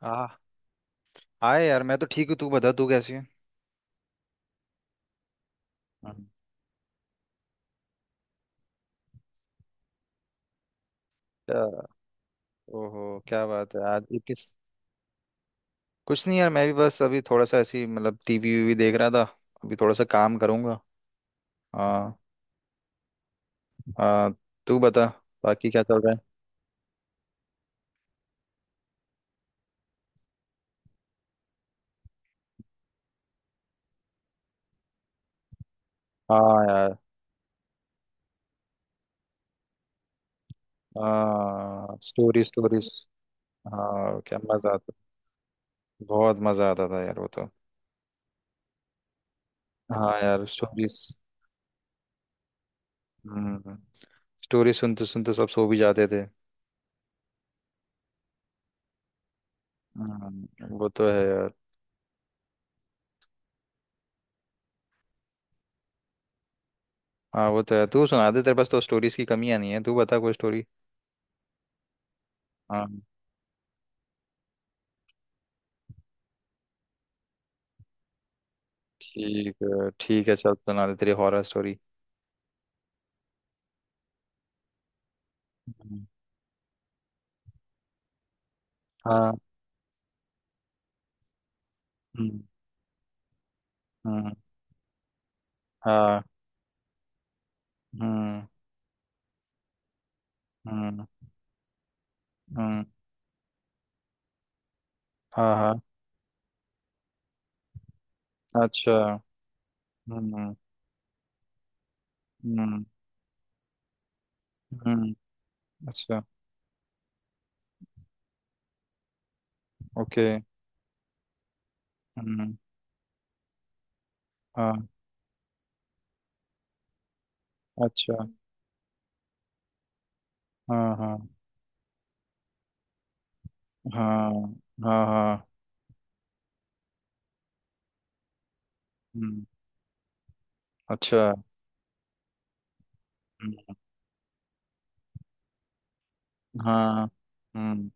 आ hi यार, मैं तो ठीक हूँ। तू बता, तू कैसी है? हम्म। क्या? ओहो, क्या बात है, आज ये किस? कुछ नहीं यार, मैं भी बस अभी थोड़ा सा ऐसी मतलब टीवी वीवी देख रहा था। अभी थोड़ा सा काम करूंगा। हाँ। हाँ, तू बता, बाकी क्या चल रहा है? हाँ यार। हाँ, स्टोरी स्टोरीज। हाँ, क्या मजा आता, बहुत मजा आता था यार वो तो। हाँ यार, स्टोरीज। हम्म। स्टोरी सुनते सुनते सब सो भी जाते थे। हम्म, वो तो है यार। हाँ वो तो है, तू सुना दे, तेरे पास तो स्टोरीज की कमियां नहीं है, तू बता कोई स्टोरी। हाँ। ठीक है ठीक है, चल सुना दे तेरी हॉरर स्टोरी। हम्म। हाँ। हम्म। हम्म। हाँ। हम्म। हम्म। हम्म। हाँ हाँ। अच्छा। हम्म। हम्म। हम्म। अच्छा। ओके। हम्म। हाँ। अच्छा। हाँ हाँ हाँ हाँ हाँ। हम्म। अच्छा। हम्म। हाँ। हम्म।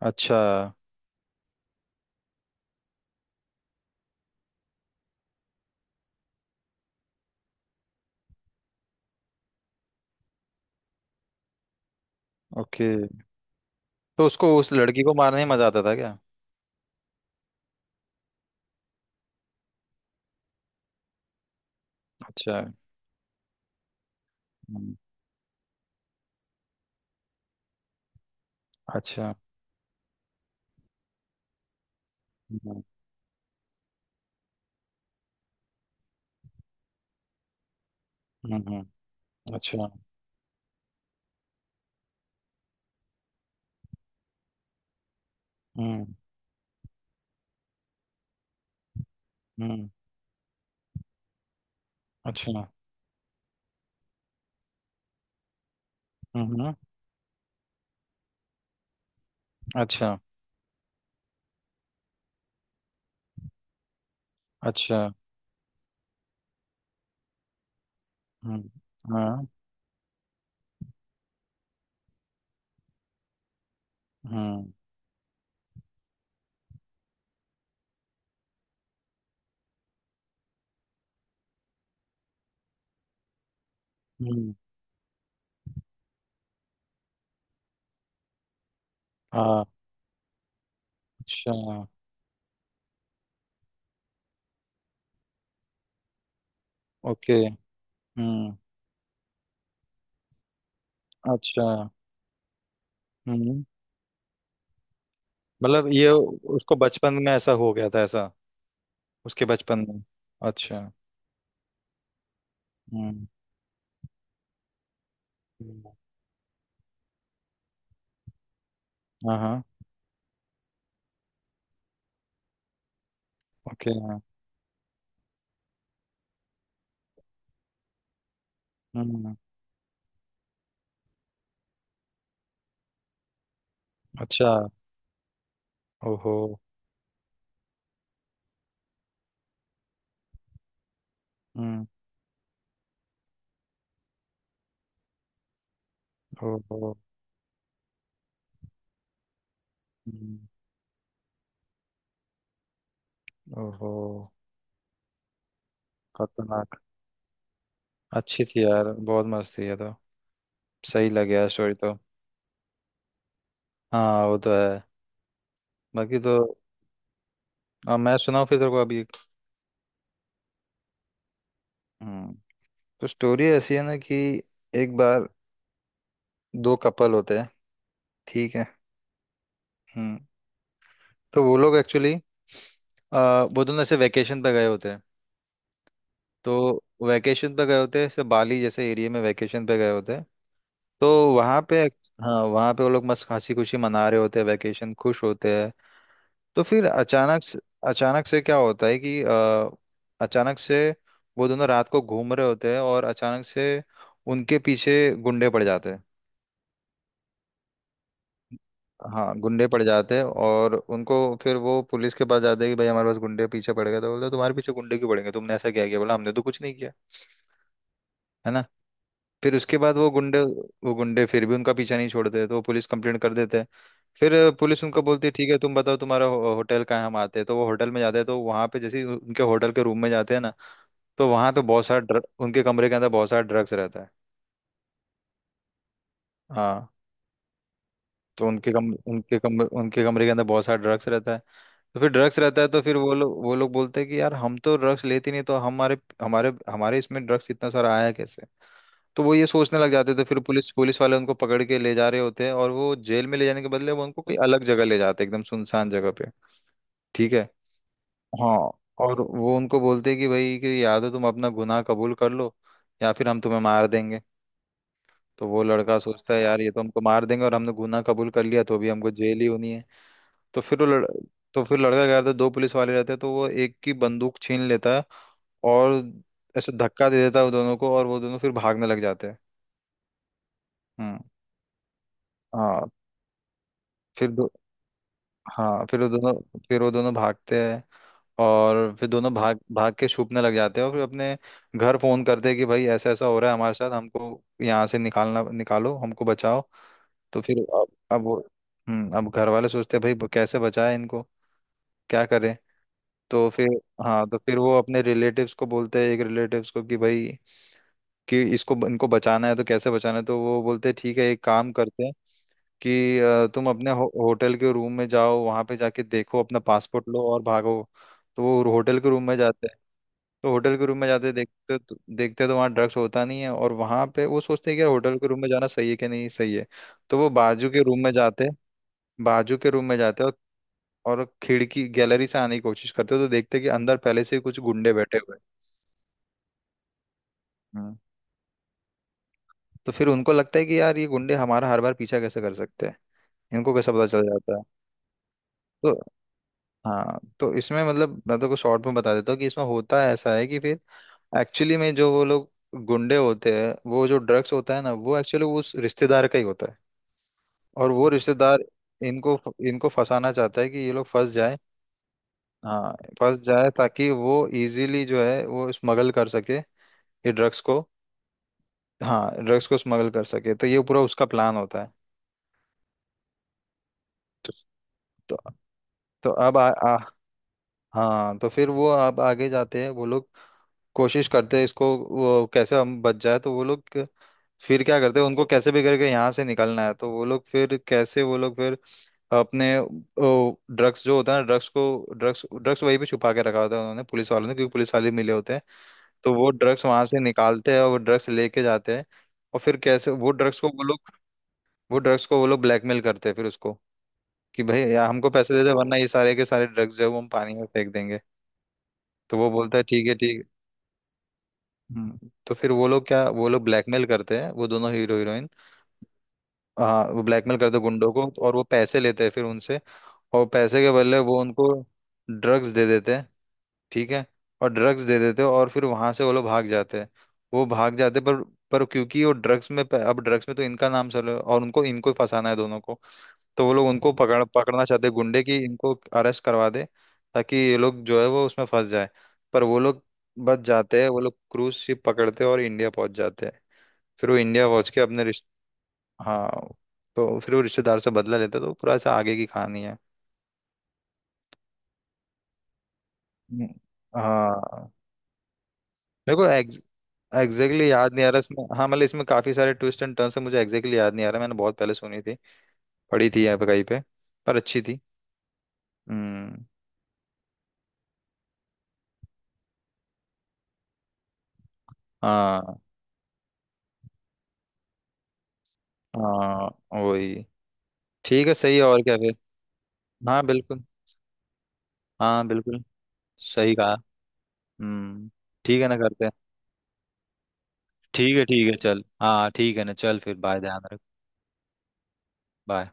अच्छा। ओके। तो उसको उस लड़की को मारने में मजा आता था क्या? अच्छा। हम्म। अच्छा। हम्म। हम्म। हम्म। अच्छा। हम्म। हम्म। अच्छा। हम्म। हम्म। अच्छा। अच्छा। हम्म। हाँ। हम्म। हम्म। हाँ। अच्छा। ओके। हम्म। अच्छा। हम्म। मतलब ये, उसको बचपन में ऐसा हो गया था ऐसा? उसके बचपन में? अच्छा। हम्म। हम्म। हाँ हाँ। ओके। हम्म। अच्छा। ओहो। हम्म। ओहो। हम्म। ओहो। खतरनाक। अच्छी थी यार, बहुत मस्त थी ये तो। सही लगे यार, स्टोरी तो। हाँ वो तो है। बाकी तो। अब मैं सुनाऊँ फिर तेरे को, अभी एक। हम्म। तो स्टोरी ऐसी है ना कि एक बार दो कपल होते हैं, ठीक है। हम्म। तो वो लोग एक्चुअली, वो दोनों ऐसे वैकेशन पे गए होते हैं। तो वैकेशन पे गए होते हैं, ऐसे बाली जैसे एरिया में वैकेशन पे गए होते हैं। तो वहाँ पे, हाँ वहाँ पे वो लोग मस्त हंसी खुशी मना रहे होते हैं, वैकेशन खुश होते हैं। तो फिर अचानक से, अचानक से क्या होता है कि अचानक से वो दोनों रात को घूम रहे होते हैं और अचानक से उनके पीछे गुंडे पड़ जाते हैं। हाँ, गुंडे पड़ जाते हैं और उनको, फिर वो पुलिस के पास जाते हैं कि भाई हमारे पास गुंडे पीछे पड़ गए। तो बोलते हैं, तुम्हारे पीछे गुंडे क्यों पड़ गए, तुमने ऐसा क्या किया? बोला, हमने तो कुछ नहीं किया, है ना। फिर उसके बाद वो गुंडे फिर भी उनका पीछा नहीं छोड़ते, तो वो पुलिस कंप्लेंट कर देते हैं। फिर पुलिस उनको बोलती है ठीक है, तुम बताओ तुम्हारा होटल कहाँ है, हम आते हैं। तो वो होटल में जाते हैं, तो वहाँ पे जैसे ही उनके होटल के रूम में जाते हैं ना, तो वहाँ पे बहुत सारा उनके कमरे के अंदर बहुत सारा ड्रग्स रहता है। हाँ, तो उनके कमरे के अंदर बहुत सारा ड्रग्स रहता है। तो फिर ड्रग्स रहता है, तो फिर वो लोग बोलते हैं कि यार हम तो ड्रग्स लेते नहीं, तो हमारे, हमारे हमारे इसमें ड्रग्स इतना सारा आया कैसे? तो वो ये सोचने लग जाते थे, फिर पुलिस पुलिस वाले उनको पकड़ के ले जा रहे होते हैं, और वो जेल में ले जाने के बदले वो उनको कोई अलग जगह ले जाते हैं, एकदम सुनसान जगह पे। ठीक है। हाँ, और वो उनको बोलते हैं कि भाई, कि या तो तुम अपना गुनाह कबूल कर लो, या फिर हम तुम्हें मार देंगे। तो वो लड़का सोचता है यार, ये तो हमको मार देंगे, और हमने गुनाह कबूल कर लिया तो भी हमको जेल ही होनी है। तो फिर वो लड़... तो फिर लड़का क्या करता है, दो पुलिस वाले रहते हैं तो वो एक की बंदूक छीन लेता है। और ऐसे धक्का दे देता है वो दोनों को, और वो दोनों फिर भागने लग जाते हैं। हम्म। हाँ। फिर दो हाँ, फिर वो दोनों भागते हैं, और फिर दोनों भाग भाग के छुपने लग जाते हैं। और फिर अपने घर फोन करते हैं कि भाई, ऐसा ऐसा हो रहा है हमारे साथ, हमको यहाँ से निकालना, निकालो हमको, बचाओ। तो फिर अब वो अब घर वाले सोचते हैं भाई कैसे बचाए इनको, क्या करें? तो फिर, हाँ, तो फिर वो अपने रिलेटिव्स को बोलते हैं, एक रिलेटिव्स को कि भाई, कि इसको इनको बचाना है तो कैसे बचाना है। तो वो बोलते हैं ठीक है, एक काम करते हैं कि तुम अपने होटल के रूम में जाओ, वहां पे जाके देखो, अपना पासपोर्ट लो और भागो। तो वो होटल के रूम में जाते हैं। तो होटल के रूम में जाते देखते तो वहाँ ड्रग्स होता नहीं है, और वहां पे वो सोचते हैं कि यार होटल के रूम में जाना सही है कि नहीं सही है। तो वो बाजू के रूम में जाते और, खिड़की गैलरी से आने की कोशिश करते हैं, तो देखते हैं कि अंदर पहले से ही कुछ गुंडे बैठे हुए हैं। हम्म। तो फिर उनको लगता है कि यार ये गुंडे हमारा हर बार पीछा कैसे कर सकते हैं, इनको कैसे पता चल जाता है? तो, हाँ, तो इसमें मतलब मैं तो को शॉर्ट में बता देता हूँ कि इसमें होता ऐसा है कि फिर एक्चुअली में जो वो लोग गुंडे होते हैं, वो जो ड्रग्स होता है ना, वो एक्चुअली उस रिश्तेदार का ही होता है। और वो रिश्तेदार इनको इनको फंसाना चाहता है कि ये लोग फंस जाए। हाँ, फंस जाए ताकि वो इजीली जो है वो स्मगल कर सके, ये ड्रग्स को। हाँ, ड्रग्स को स्मगल कर सके, तो ये पूरा उसका प्लान होता है। तो, तो अब आ, आ, हाँ, तो फिर वो अब आगे जाते हैं वो लोग, कोशिश करते हैं इसको, वो कैसे हम बच जाए। तो वो लोग फिर क्या करते हैं, उनको कैसे भी करके यहाँ से निकलना है। तो वो लोग फिर अपने ड्रग्स जो होता है ड्रग्स को, ड्रग्स ड्रग्स वहीं पे छुपा के रखा होता है उन्होंने, पुलिस वालों ने, क्योंकि पुलिस वाले मिले होते हैं। तो वो ड्रग्स वहां से निकालते हैं और वो ड्रग्स लेके जाते हैं। और फिर कैसे वो ड्रग्स को वो लोग वो ड्रग्स को वो लोग ब्लैकमेल करते हैं फिर उसको, कि भाई यार हमको पैसे दे दे, वरना ये सारे के सारे ड्रग्स जो है वो हम पानी में फेंक देंगे। तो वो बोलता है ठीक है, ठीक। हम्म। तो फिर वो लोग ब्लैकमेल करते हैं, वो दोनों हीरो हीरोइन। हाँ, वो ब्लैकमेल करते हैं गुंडों को और वो पैसे लेते हैं फिर उनसे। और पैसे के बदले वो उनको ड्रग्स दे देते हैं। ठीक है। और ड्रग्स दे देते हैं, और फिर वहां से वो लोग भाग जाते हैं। वो भाग जाते हैं, पर, क्योंकि वो ड्रग्स में, अब ड्रग्स में तो इनका नाम चल रहा है, और उनको इनको ही फंसाना है दोनों को। तो वो लोग उनको पकड़ना चाहते हैं गुंडे की, इनको अरेस्ट करवा दे, ताकि ये लोग जो है वो उसमें फंस जाए। पर वो लोग बच जाते हैं, वो लोग क्रूज शिप पकड़ते हैं और इंडिया पहुंच जाते हैं। फिर वो इंडिया पहुंच के अपने रिश्ते हाँ, तो फिर वो रिश्तेदार से बदला लेता है, तो पूरा ऐसा आगे की कहानी है। हम्म। हाँ, मेरे को एग्जैक्टली exactly याद नहीं आ रहा इसमें, हाँ, मतलब इसमें काफी सारे ट्विस्ट एंड टर्न्स है, मुझे एग्जैक्टली exactly याद नहीं आ रहा, मैंने बहुत पहले सुनी थी, पढ़ी थी यहाँ पे कहीं पे, पर अच्छी थी। हम्म। हाँ। हाँ वही। ठीक है, सही है। और क्या फिर? हाँ बिल्कुल। हाँ बिल्कुल। सही कहा। हम्म। ठीक है ना, करते हैं। ठीक है ठीक है, चल। हाँ ठीक है ना, चल फिर, बाय, ध्यान रख। बाय।